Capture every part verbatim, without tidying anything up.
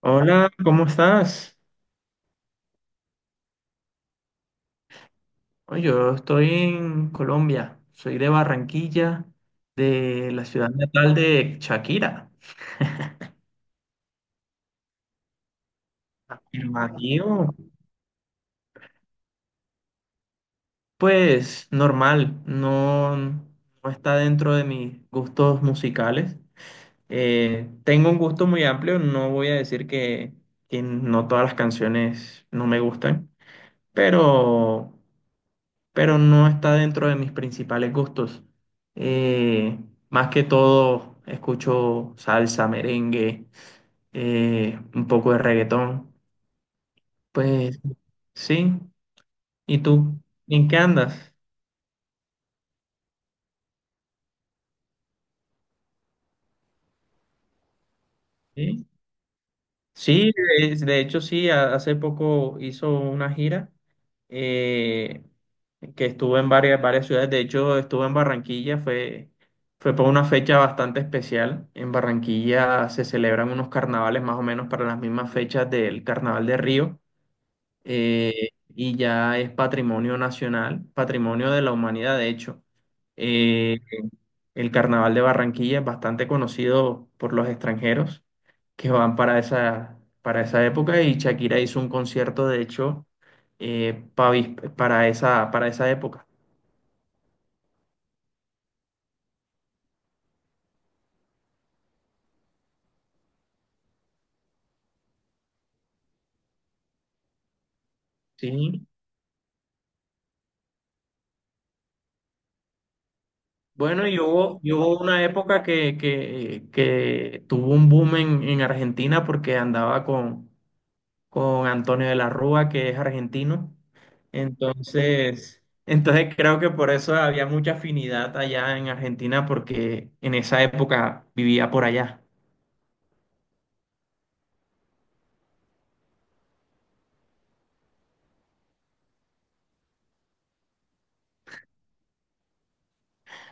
Hola, ¿cómo estás? Oye, yo estoy en Colombia, soy de Barranquilla, de la ciudad natal de Shakira. El Bajío, pues normal, no, no está dentro de mis gustos musicales. Eh, tengo un gusto muy amplio, no voy a decir que, que no todas las canciones no me gustan, pero pero no está dentro de mis principales gustos. Eh, más que todo, escucho salsa, merengue, eh, un poco de reggaetón. Pues sí. ¿Y tú? ¿En qué andas? ¿Sí? Sí, es- de hecho sí, ha- hace poco hizo una gira eh, que estuvo en varias, varias ciudades, de hecho estuvo en Barranquilla, fue, fue por una fecha bastante especial. En Barranquilla se celebran unos carnavales más o menos para las mismas fechas del Carnaval de Río, eh, y ya es patrimonio nacional, patrimonio de la humanidad, de hecho. Eh, el Carnaval de Barranquilla es bastante conocido por los extranjeros que van para esa, para esa época y Shakira hizo un concierto, de hecho, eh, pa vis- para esa, para esa época. Sí. Bueno, y hubo, y hubo una época que, que, que tuvo un boom en, en Argentina porque andaba con, con Antonio de la Rúa, que es argentino. Entonces, entonces creo que por eso había mucha afinidad allá en Argentina porque en esa época vivía por allá.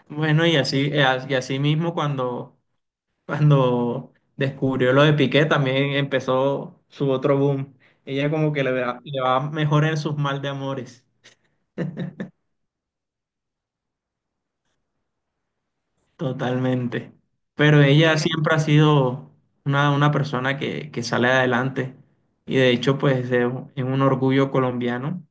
Bueno, y así, y así mismo cuando, cuando descubrió lo de Piqué, también empezó su otro boom. Ella como que le va, le va mejor en sus mal de amores, totalmente. Pero ella siempre ha sido una, una persona que, que sale adelante y de hecho pues es un es un orgullo colombiano.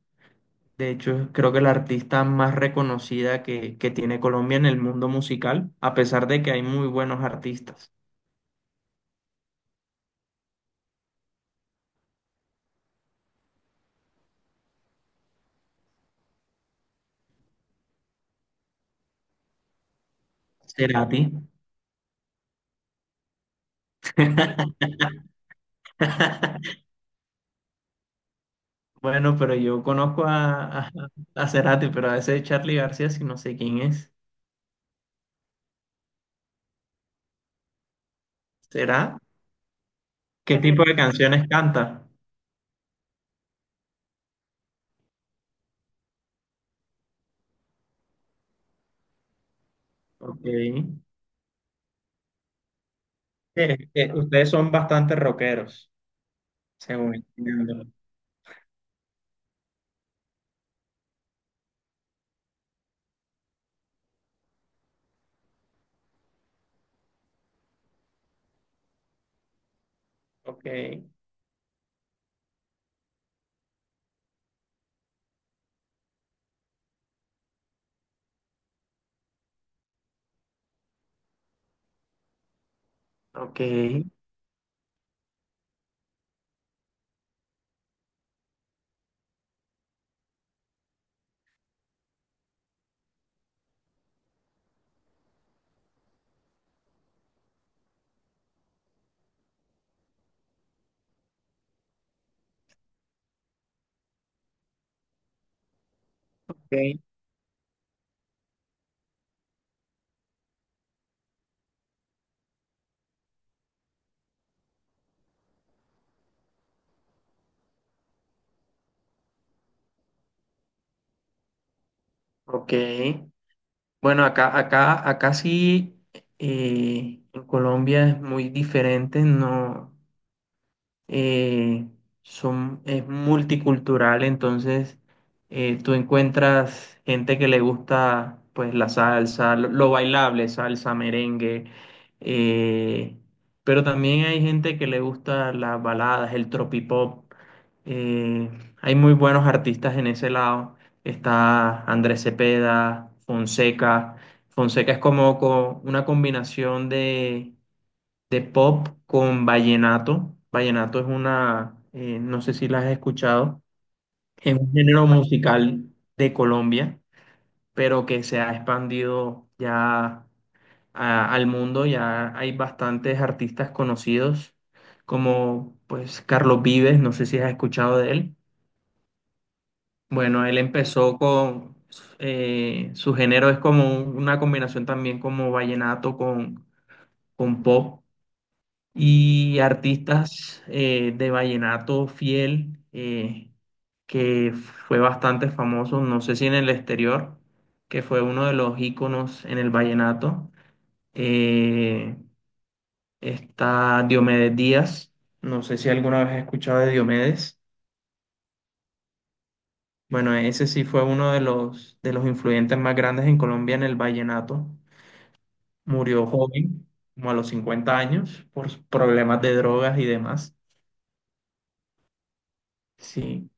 De hecho creo que la artista más reconocida que, que tiene Colombia en el mundo musical, a pesar de que hay muy buenos artistas. Será ti. Bueno, pero yo conozco a, a, a Cerati, pero a ese Charlie García sí no sé quién es. ¿Será? ¿Qué tipo de canciones canta? Ok. Eh, eh, ustedes son bastante rockeros, según entiendo. Ok, ok, ok, ok. Bueno, acá, acá, acá sí, eh, en Colombia es muy diferente, no. eh, son, es multicultural, entonces eh, tú encuentras gente que le gusta pues la salsa, lo, lo bailable, salsa, merengue, eh, pero también hay gente que le gusta las baladas, el tropipop. Eh, hay muy buenos artistas en ese lado. Está Andrés Cepeda, Fonseca. Fonseca es como co- una combinación de de pop con vallenato. Vallenato es una, eh, no sé si la has escuchado, es un género musical de Colombia, pero que se ha expandido ya a- al mundo. Ya hay bastantes artistas conocidos, como pues Carlos Vives, no sé si has escuchado de él. Bueno, él empezó con, eh, su género es como un- una combinación también como vallenato con, con pop y artistas eh, de vallenato fiel eh, que fue bastante famoso, no sé si en el exterior, que fue uno de los íconos en el vallenato. Eh, está Diomedes Díaz, no sé si alguna vez has escuchado de Diomedes. Bueno, ese sí fue uno de los, de los influyentes más grandes en Colombia en el vallenato. Murió joven, como a los cincuenta años, por problemas de drogas y demás. Sí.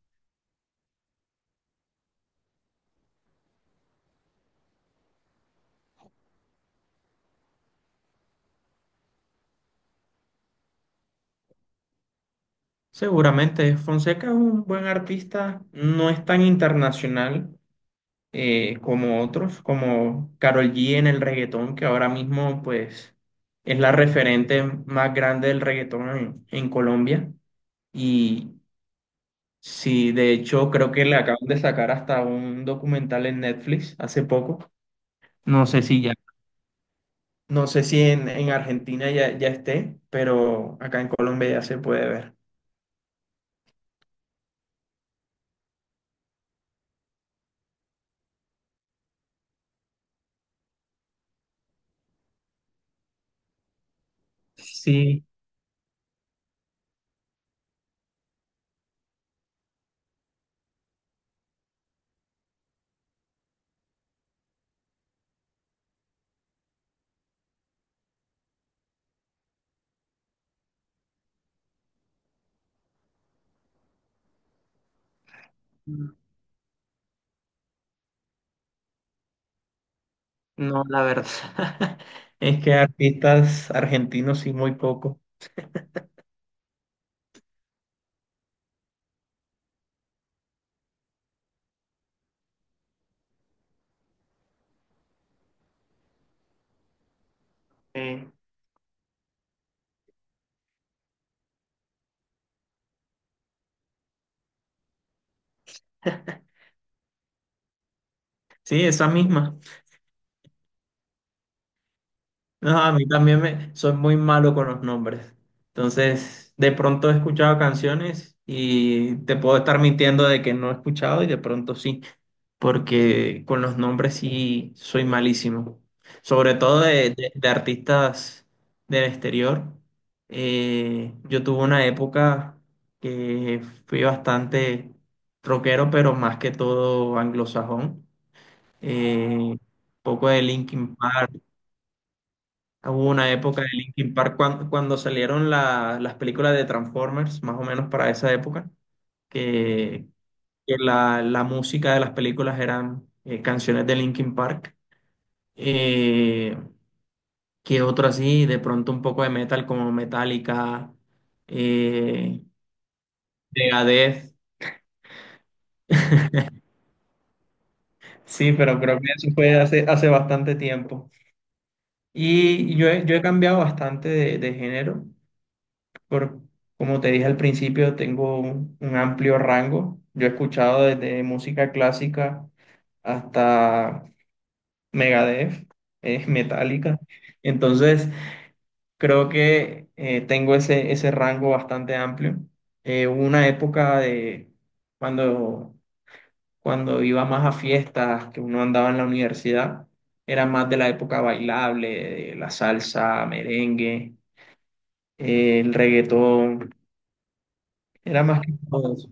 Seguramente, Fonseca es un buen artista, no es tan internacional, eh, como otros, como Karol G en el reggaetón, que ahora mismo pues es la referente más grande del reggaetón en, en Colombia. Y sí, de hecho creo que le acaban de sacar hasta un documental en Netflix hace poco. No sé si ya. No sé si en, en Argentina ya, ya esté, pero acá en Colombia ya se puede ver. Sí. No, la verdad. Es que artistas argentinos sí, muy poco. Eh, sí, esa misma. No, a mí también me, soy muy malo con los nombres. Entonces, de pronto he escuchado canciones y te puedo estar mintiendo de que no he escuchado y de pronto sí, porque con los nombres sí soy malísimo. Sobre todo de, de- de artistas del exterior. Eh, yo tuve una época que fui bastante rockero, pero más que todo anglosajón. Eh, poco de Linkin Park. Hubo una época de Linkin Park cuando, cuando salieron la- las películas de Transformers, más o menos para esa época, que, que la, la música de las películas eran eh, canciones de Linkin Park. Eh, que otro así, de pronto un poco de metal como Metallica, eh, Megadeth. Sí, pero creo que eso fue hace, hace bastante tiempo. Y yo he, yo he cambiado bastante de, de género. Por, como te dije al principio, tengo un, un amplio rango. Yo he escuchado desde música clásica hasta Megadeth, es Metallica. Entonces, creo que eh, tengo ese, ese rango bastante amplio. Eh, hubo una época de cuando, cuando iba más a fiestas, que uno andaba en la universidad, era más de la época bailable, de la salsa, merengue, eh, el reggaetón, era más que todo eso.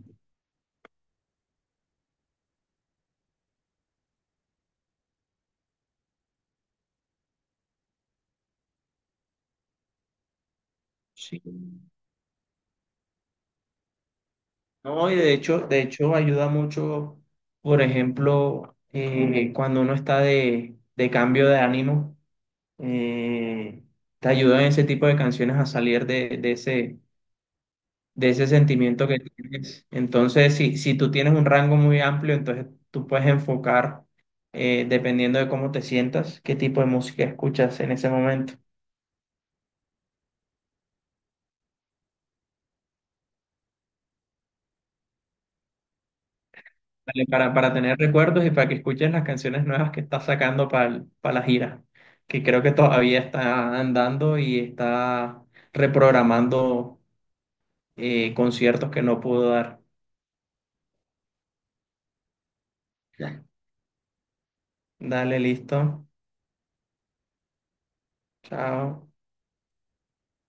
Sí. No, y de hecho, de hecho ayuda mucho, por ejemplo, eh, cuando uno está de, de cambio de ánimo, eh, te ayudan ese tipo de canciones a salir de, de ese, de ese sentimiento que tienes. Entonces, si, si tú tienes un rango muy amplio, entonces tú puedes enfocar, eh, dependiendo de cómo te sientas, qué tipo de música escuchas en ese momento. Dale, para, para tener recuerdos y para que escuches las canciones nuevas que está sacando para la gira, que creo que todavía está andando y está reprogramando eh, conciertos que no pudo dar. Ya. Dale, listo. Chao.